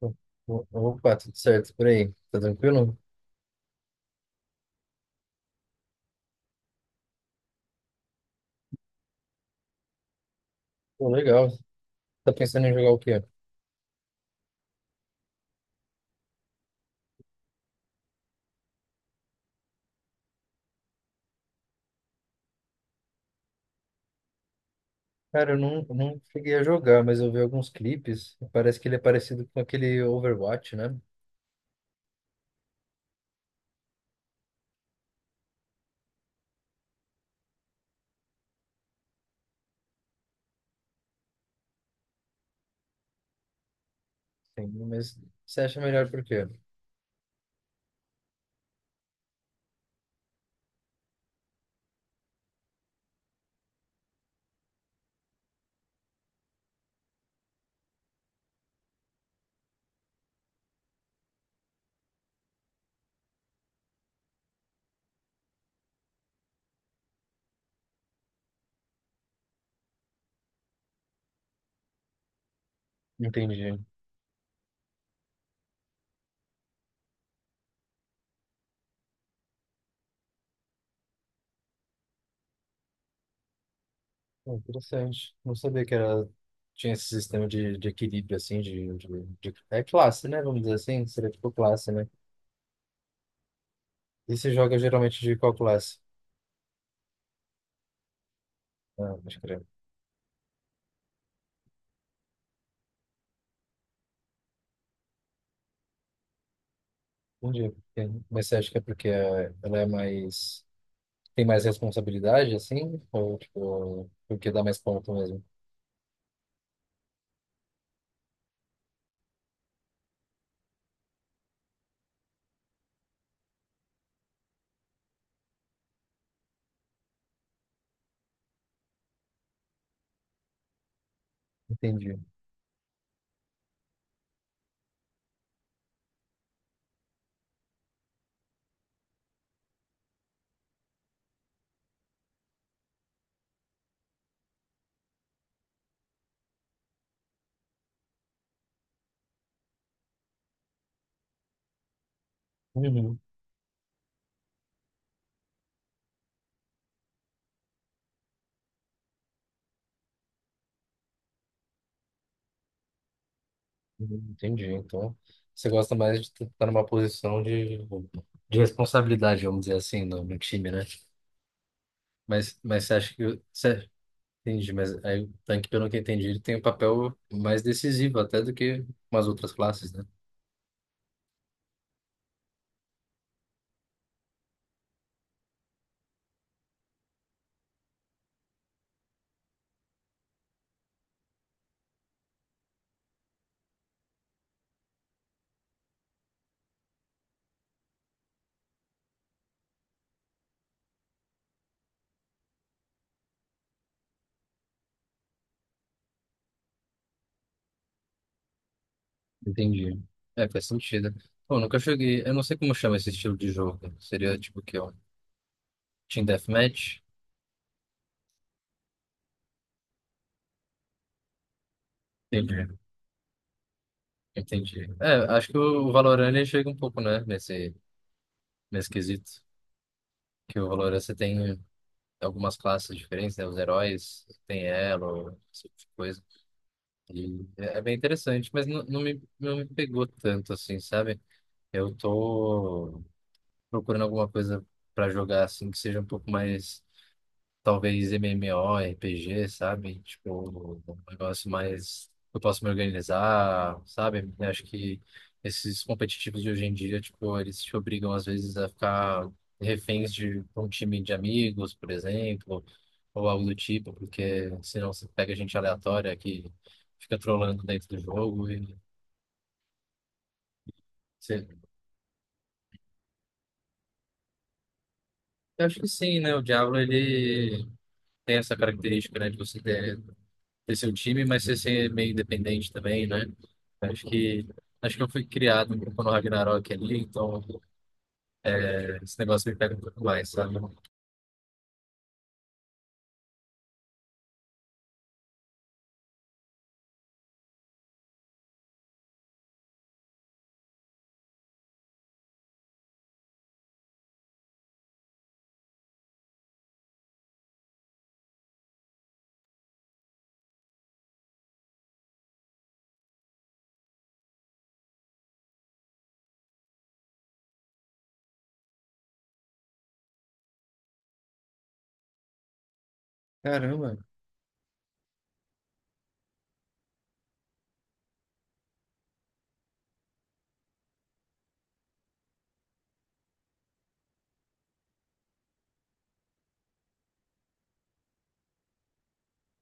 O- Opa, tudo certo por aí? Tá tranquilo? Pô, legal. Tá pensando em jogar o quê? Cara, eu não cheguei a jogar, mas eu vi alguns clipes. Parece que ele é parecido com aquele Overwatch, né? Sim, mas você acha melhor por quê? Entendi. Pô, interessante. Não sabia que era... tinha esse sistema de equilíbrio, assim, de É classe, né? Vamos dizer assim. Seria tipo classe, né? E se joga geralmente de qual classe? Ah, acho que era. Entendi. Mas você acha que é porque ela é mais. Tem mais responsabilidade, assim? Ou, tipo, porque dá mais ponto mesmo? Entendi. Uhum. Uhum, entendi. Então, você gosta mais de estar numa posição de responsabilidade, vamos dizer assim, no time, né? Mas você acha que... Você, entendi, mas aí o tanque, pelo que eu entendi, ele tem um papel mais decisivo até do que umas outras classes, né? Entendi. É, faz sentido. Pô, nunca cheguei... Eu não sei como chama esse estilo de jogo. Seria, tipo, o quê? Um team deathmatch? Entendi. Entendi. É, acho que o Valorant ele chega um pouco, né, nesse quesito. Que o Valorant você tem algumas classes diferentes, né? Os heróis, tem elo, esse tipo de coisa. E é é bem interessante, mas não me pegou tanto, assim, sabe? Eu tô procurando alguma coisa pra jogar, assim, que seja um pouco mais. Talvez MMO, RPG, sabe? Tipo, um negócio mais que eu posso me organizar, sabe? Eu acho que esses competitivos de hoje em dia, tipo, eles te obrigam às vezes a ficar reféns de um time de amigos, por exemplo, ou algo do tipo, porque senão você pega gente aleatória que fica trolando dentro do jogo e você... Eu acho que sim, né? O Diablo, ele tem essa característica, né, de você ter seu time, mas você ser meio independente também, né? Acho que acho que eu fui criado um pouco no Ragnarok ali, então é, esse negócio me pega um pouco mais, sabe? Caramba.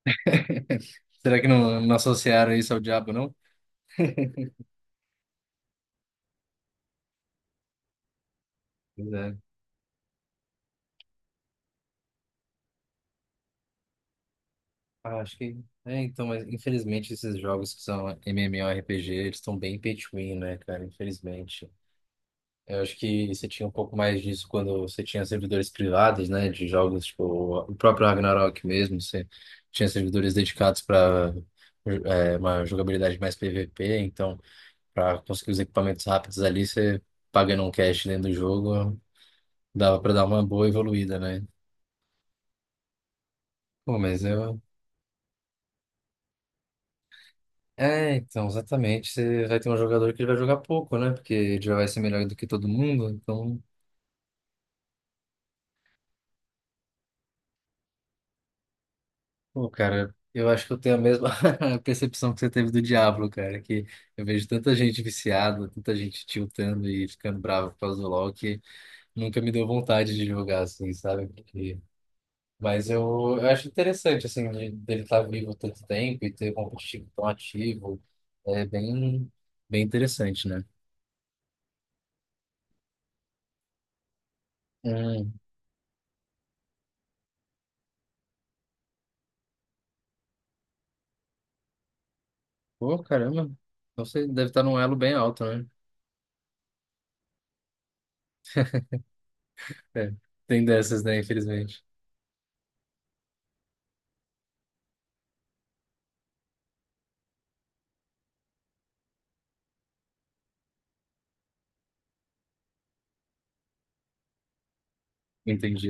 Será que não associaram isso ao diabo, não? Pois é. Ah, acho que. É, então, mas infelizmente esses jogos que são MMORPG, eles estão bem pay to win, né, cara? Infelizmente. Eu acho que você tinha um pouco mais disso quando você tinha servidores privados, né, de jogos, tipo o próprio Ragnarok mesmo, você tinha servidores dedicados para uma jogabilidade mais PVP, então para conseguir os equipamentos rápidos ali, você pagando um cash dentro do jogo, dava para dar uma boa evoluída, né? Pô, mas eu É, então, exatamente. Você vai ter um jogador que ele vai jogar pouco, né? Porque ele já vai ser melhor do que todo mundo, então Pô, cara, eu acho que eu tenho a mesma percepção que você teve do Diablo, cara, que eu vejo tanta gente viciada, tanta gente tiltando e ficando brava por causa do LoL que nunca me deu vontade de jogar assim, sabe? Mas eu, eu acho interessante, assim, dele estar vivo tanto tempo e ter um competitivo tão ativo, é bem, bem interessante, né? Hum. Pô, caramba, você deve estar num elo bem alto, né? É, tem dessas, né, infelizmente. Entendi,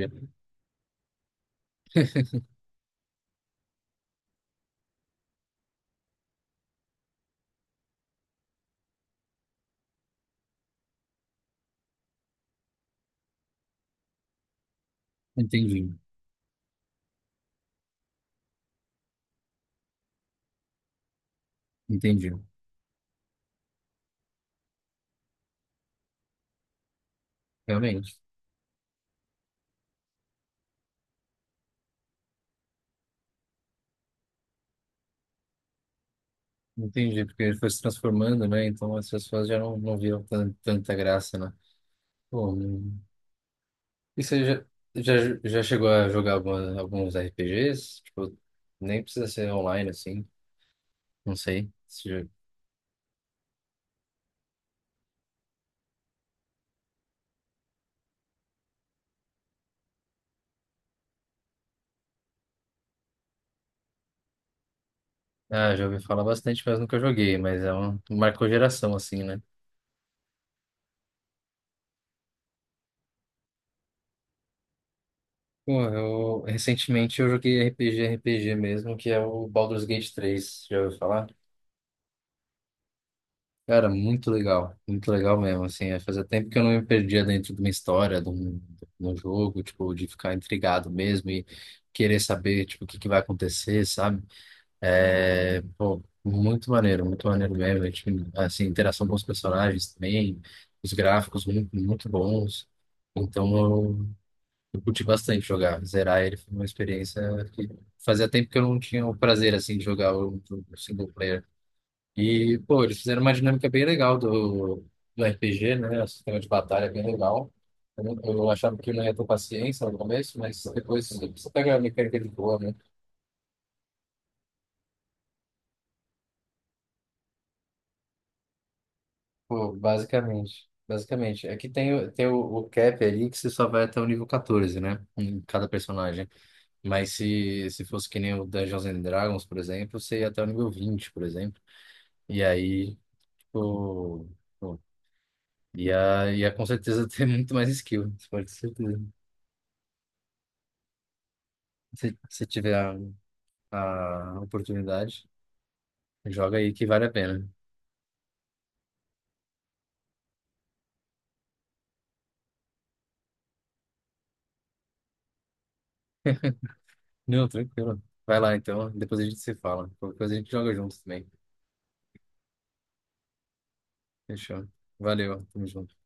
entendi, entendi, realmente. Entendi, porque ele foi se transformando, né? Então as pessoas já não viam tanta graça, né? Pô. e você já, já, já chegou a jogar alguns RPGs? Tipo, nem precisa ser online, assim. Não sei. Se já- Ah, já ouvi falar bastante, mas nunca joguei. Mas é um... Marcou geração, assim, né? Pô, eu... Recentemente eu RPG mesmo, que é o Baldur's Gate 3. Já ouviu falar? Cara, muito legal mesmo, assim, é, fazia tempo que eu não me perdia dentro de uma história, de um jogo, tipo, de ficar intrigado mesmo e querer saber, tipo, o que que vai acontecer, sabe? É, pô, muito maneiro mesmo, é, tipo, assim, interação com os personagens também, os gráficos muito, muito bons, então eu curti bastante jogar, zerar ele foi uma experiência que fazia tempo que eu não tinha o prazer, assim, de jogar o single player. E, pô, eles fizeram uma dinâmica bem legal do RPG, né? O sistema de batalha é bem legal. Eu achava que eu não ia ter paciência no começo, mas depois você pega a mecânica de boa, né? Pô, basicamente. Basicamente. Aqui tem, tem o cap ali que você só vai até o nível 14, né? Em cada personagem. Mas se fosse que nem o Dungeons and Dragons, por exemplo, você ia até o nível 20 por exemplo. E aí, tipo, pô, ia com certeza ter muito mais skill. Isso pode ter certeza. Se tiver a oportunidade, joga aí que vale a pena. Não, tranquilo. Vai lá então, depois a gente se fala. Qualquer coisa a gente joga junto também. Fechou. Valeu, tamo junto.